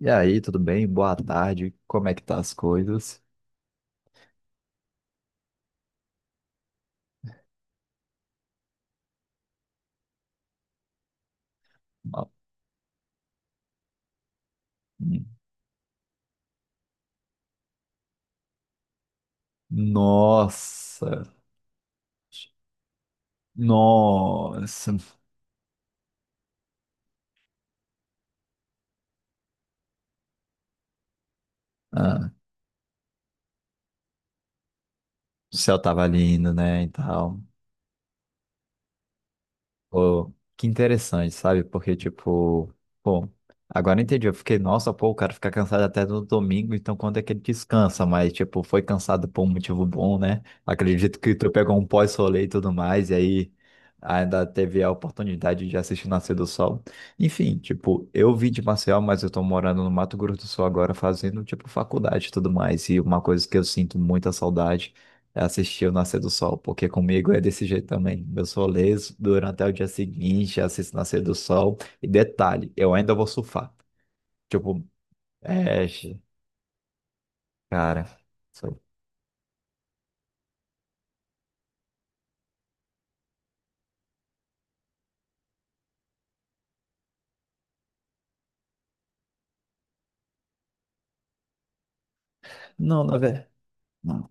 E aí, tudo bem? Boa tarde. Como é que tá as coisas? No- Nossa, nossa. Ah, o céu tava lindo, né? E tal. Pô, que interessante, sabe? Porque, tipo, pô, agora eu entendi. Eu fiquei, nossa, pô, o cara fica cansado até no domingo, então quando é que ele descansa? Mas, tipo, foi cansado por um motivo bom, né? Acredito que tu pegou um pós-rolê e tudo mais, e aí ainda teve a oportunidade de assistir Nascer do Sol. Enfim, tipo, eu vim de Maceió, mas eu tô morando no Mato Grosso do Sul agora, fazendo, tipo, faculdade e tudo mais. E uma coisa que eu sinto muita saudade assistir o nascer do sol, porque comigo é desse jeito também. Eu sou leso durante até o dia seguinte, assisto o nascer do sol. E detalhe, eu ainda vou surfar. Tipo, é, cara. sou- Não, na verdade. Não.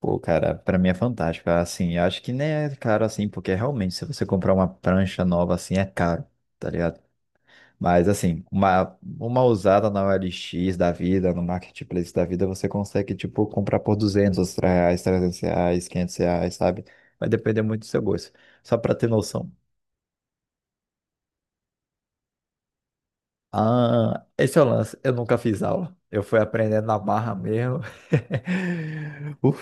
Pô, cara, pra mim é fantástico. Assim, eu acho que nem é caro assim, porque realmente, se você comprar uma prancha nova assim, é caro, tá ligado? Mas assim, uma usada na OLX da vida, no Marketplace da vida, você consegue, tipo, comprar por R$ 200, R$ 300, R$ 500, sabe? Vai depender muito do seu gosto. Só pra ter noção. Ah, esse é o lance. Eu nunca fiz aula. Eu fui aprendendo na barra mesmo. O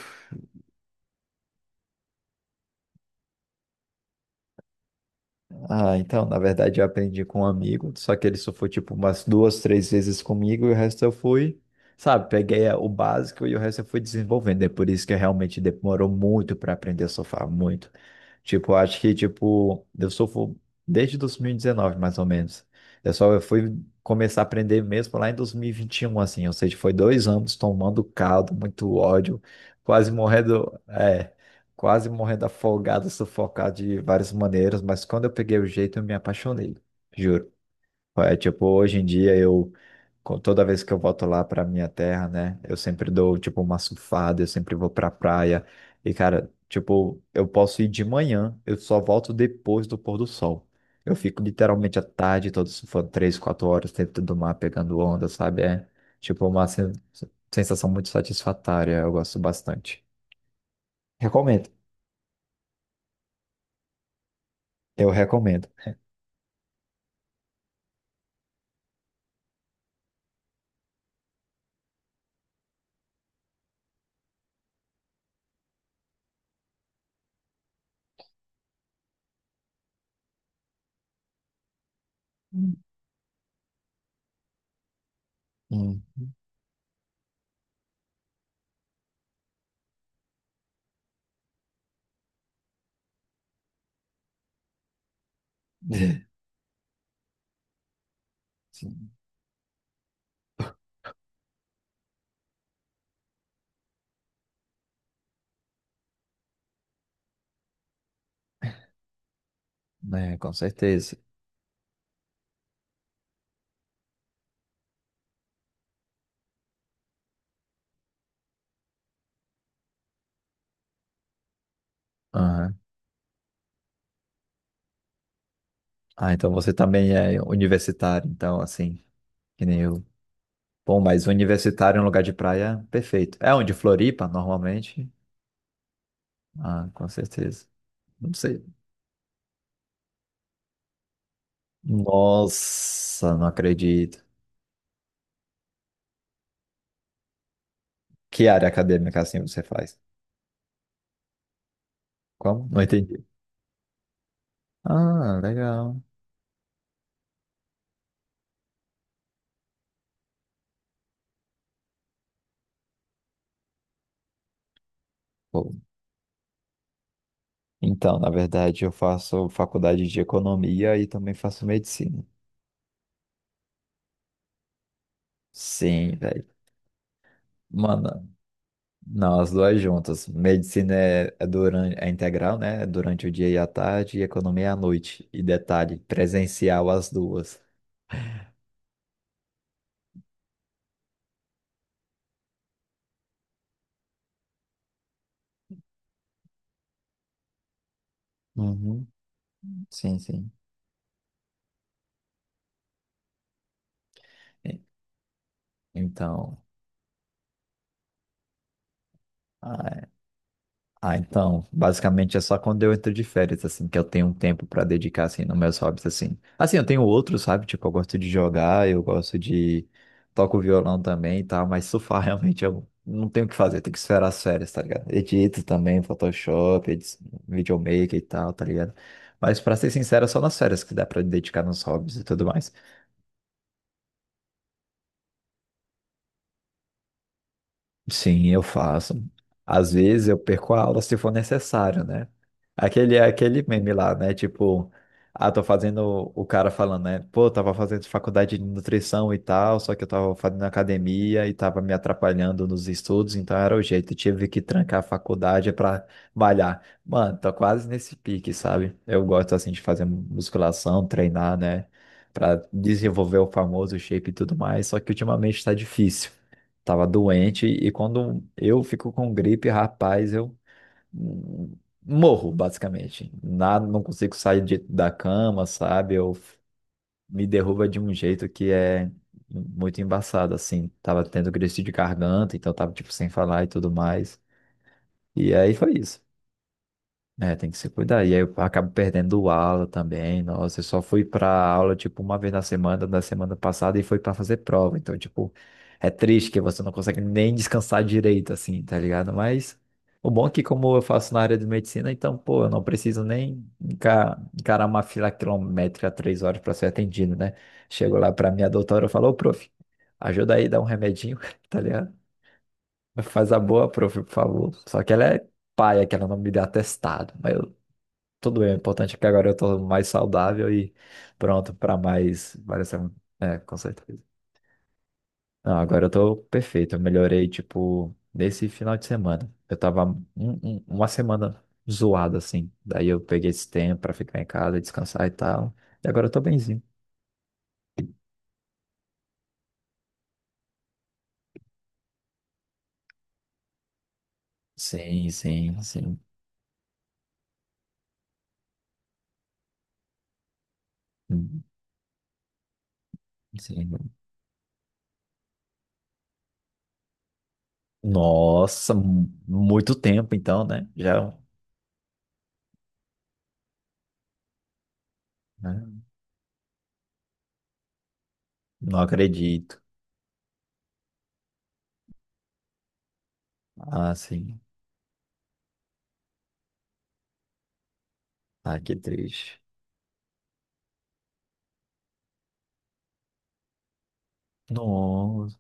Ah, então, na verdade, eu aprendi com um amigo, só que ele só foi tipo umas 2, 3 vezes comigo e o resto eu fui, sabe, peguei o básico e o resto eu fui desenvolvendo. É por isso que realmente demorou muito para aprender a surfar, muito. Tipo, eu acho que, tipo, eu surfo desde 2019, mais ou menos. Eu só fui começar a aprender mesmo lá em 2021, assim, ou seja, foi 2 anos tomando caldo, muito ódio, quase morrendo, é quase morrendo afogado, sufocado de várias maneiras, mas quando eu peguei o jeito, eu me apaixonei, juro. É tipo, hoje em dia eu, toda vez que eu volto lá pra minha terra, né, eu sempre dou, tipo, uma surfada, eu sempre vou pra praia, e cara, tipo, eu posso ir de manhã, eu só volto depois do pôr do sol. Eu fico literalmente a tarde todo surfando, 3, 4 horas dentro do mar, pegando onda, sabe? É, tipo, sensação muito satisfatória, eu gosto bastante. Recomendo, eu recomendo. Hum. Sim, né, com certeza. Aham. Ah, então você também é universitário, então, assim, que nem eu. Bom, mas universitário em um lugar de praia, perfeito. É onde? Floripa, normalmente? Ah, com certeza. Não sei. Nossa, não acredito. Que área acadêmica assim você faz? Como? Não entendi. Ah, legal. Pô, então, na verdade, eu faço faculdade de economia e também faço medicina. Sim, velho. Mano. Não, as duas juntas. Medicina é durante, é integral, né? É durante o dia e a tarde, e economia é à noite. E detalhe, presencial as duas. Uhum. Sim, sim. E- Então, ah, Ah, então, basicamente é só quando eu entro de férias, assim, que eu tenho um tempo pra dedicar, assim, nos meus hobbies, assim. Assim, eu tenho outros, sabe? Tipo, eu gosto de jogar, eu gosto de... Toco violão também e tal, mas surfar realmente eu não tenho o que fazer, eu tenho que esperar as férias, tá ligado? Edito também, Photoshop, videomaker e tal, tá ligado? Mas pra ser sincero, é só nas férias que dá pra dedicar nos hobbies e tudo mais. Sim, eu faço. Às vezes eu perco a aula se for necessário, né? Aquele, aquele meme lá, né? Tipo, ah, tô fazendo o cara falando, né? Pô, tava fazendo faculdade de nutrição e tal, só que eu tava fazendo academia e tava me atrapalhando nos estudos, então era o jeito, tive que trancar a faculdade pra malhar. Mano, tô quase nesse pique, sabe? Eu gosto assim de fazer musculação, treinar, né? Pra desenvolver o famoso shape e tudo mais, só que ultimamente tá difícil. Tava doente e quando eu fico com gripe, rapaz, eu hum, morro, basicamente. Nada, não consigo sair da cama, sabe? Eu me derruba de um jeito que é muito embaçado, assim. Tava tendo crise de garganta, então tava, tipo, sem falar e tudo mais. E aí foi isso. É, tem que se cuidar. E aí eu acabo perdendo o aula também. Nossa, eu só fui pra aula, tipo, uma vez na semana, da semana passada, e foi pra fazer prova. Então, tipo, é triste que você não consegue nem descansar direito, assim, tá ligado? Mas o bom é que, como eu faço na área de medicina, então, pô, eu não preciso nem encarar uma fila quilométrica 3 horas pra ser atendido, né? Chego lá pra minha doutora, eu falo, ô, prof, ajuda aí, dá um remedinho, tá ligado? Faz a boa, prof, por favor. Só que ela é paia, que ela não me dá atestado tudo bem. O importante é que agora eu tô mais saudável e pronto para mais várias. É, com certeza. Não, agora eu tô perfeito. Eu melhorei, tipo, nesse final de semana. Eu tava uma semana zoada, assim. Daí eu peguei esse tempo pra ficar em casa, descansar e tal. E agora eu tô benzinho. Sim, sim, sim. Hum. Sim. Nossa, muito tempo então, né? Já, né? Não acredito. Ah, sim. Ah, que triste. Nossa.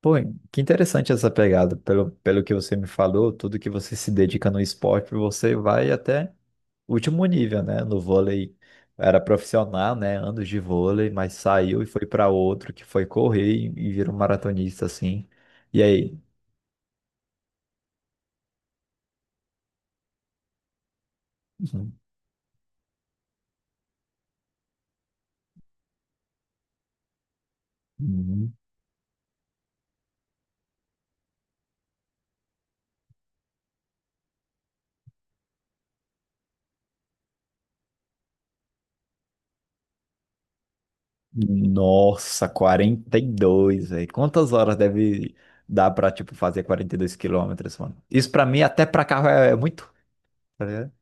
Pô, que interessante essa pegada. Pelo que você me falou, tudo que você se dedica no esporte, você vai até o último nível, né? No vôlei era profissional, né? Anos de vôlei, mas saiu e foi para outro que foi correr e virou maratonista, assim. E aí? Uhum. Nossa, 42, velho. Quantas horas deve dar para, tipo, fazer 42 quilômetros, mano? Isso para mim, até para carro, é, é muito. Tá ligado?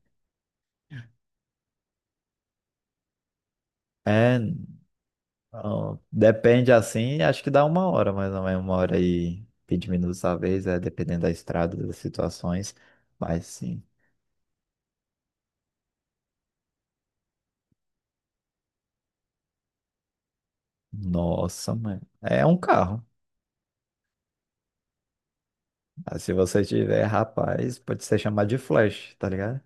É. Então, depende assim, acho que dá 1 hora, mais ou menos, 1 hora e 20 minutos talvez, é, dependendo da estrada, das situações. Mas sim, nossa, mano. É um carro. Ah, se você tiver, rapaz, pode ser chamado de Flash, tá ligado?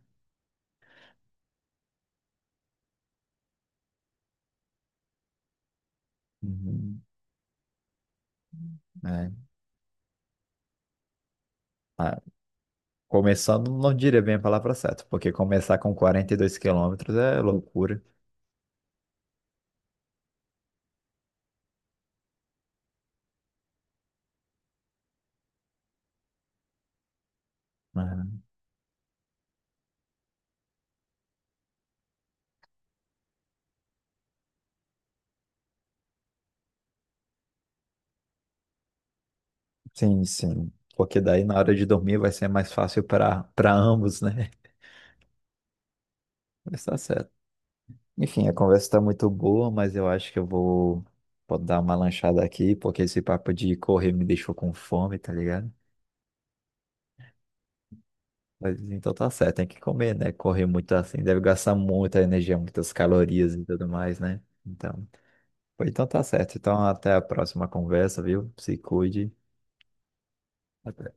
Uhum. É. Ah, começando, não diria bem a palavra certa, porque começar com 42 quilômetros é loucura. Uhum. Sim, sim. Porque daí na hora de dormir vai ser mais fácil para ambos, né? Mas tá certo. Enfim, a conversa está muito boa, mas eu acho que eu vou dar uma lanchada aqui, porque esse papo de correr me deixou com fome, tá ligado? Mas então tá certo, tem que comer, né? Correr muito assim, deve gastar muita energia, muitas calorias e tudo mais, né? Então, pois então tá certo. Então até a próxima conversa, viu? Se cuide. Até.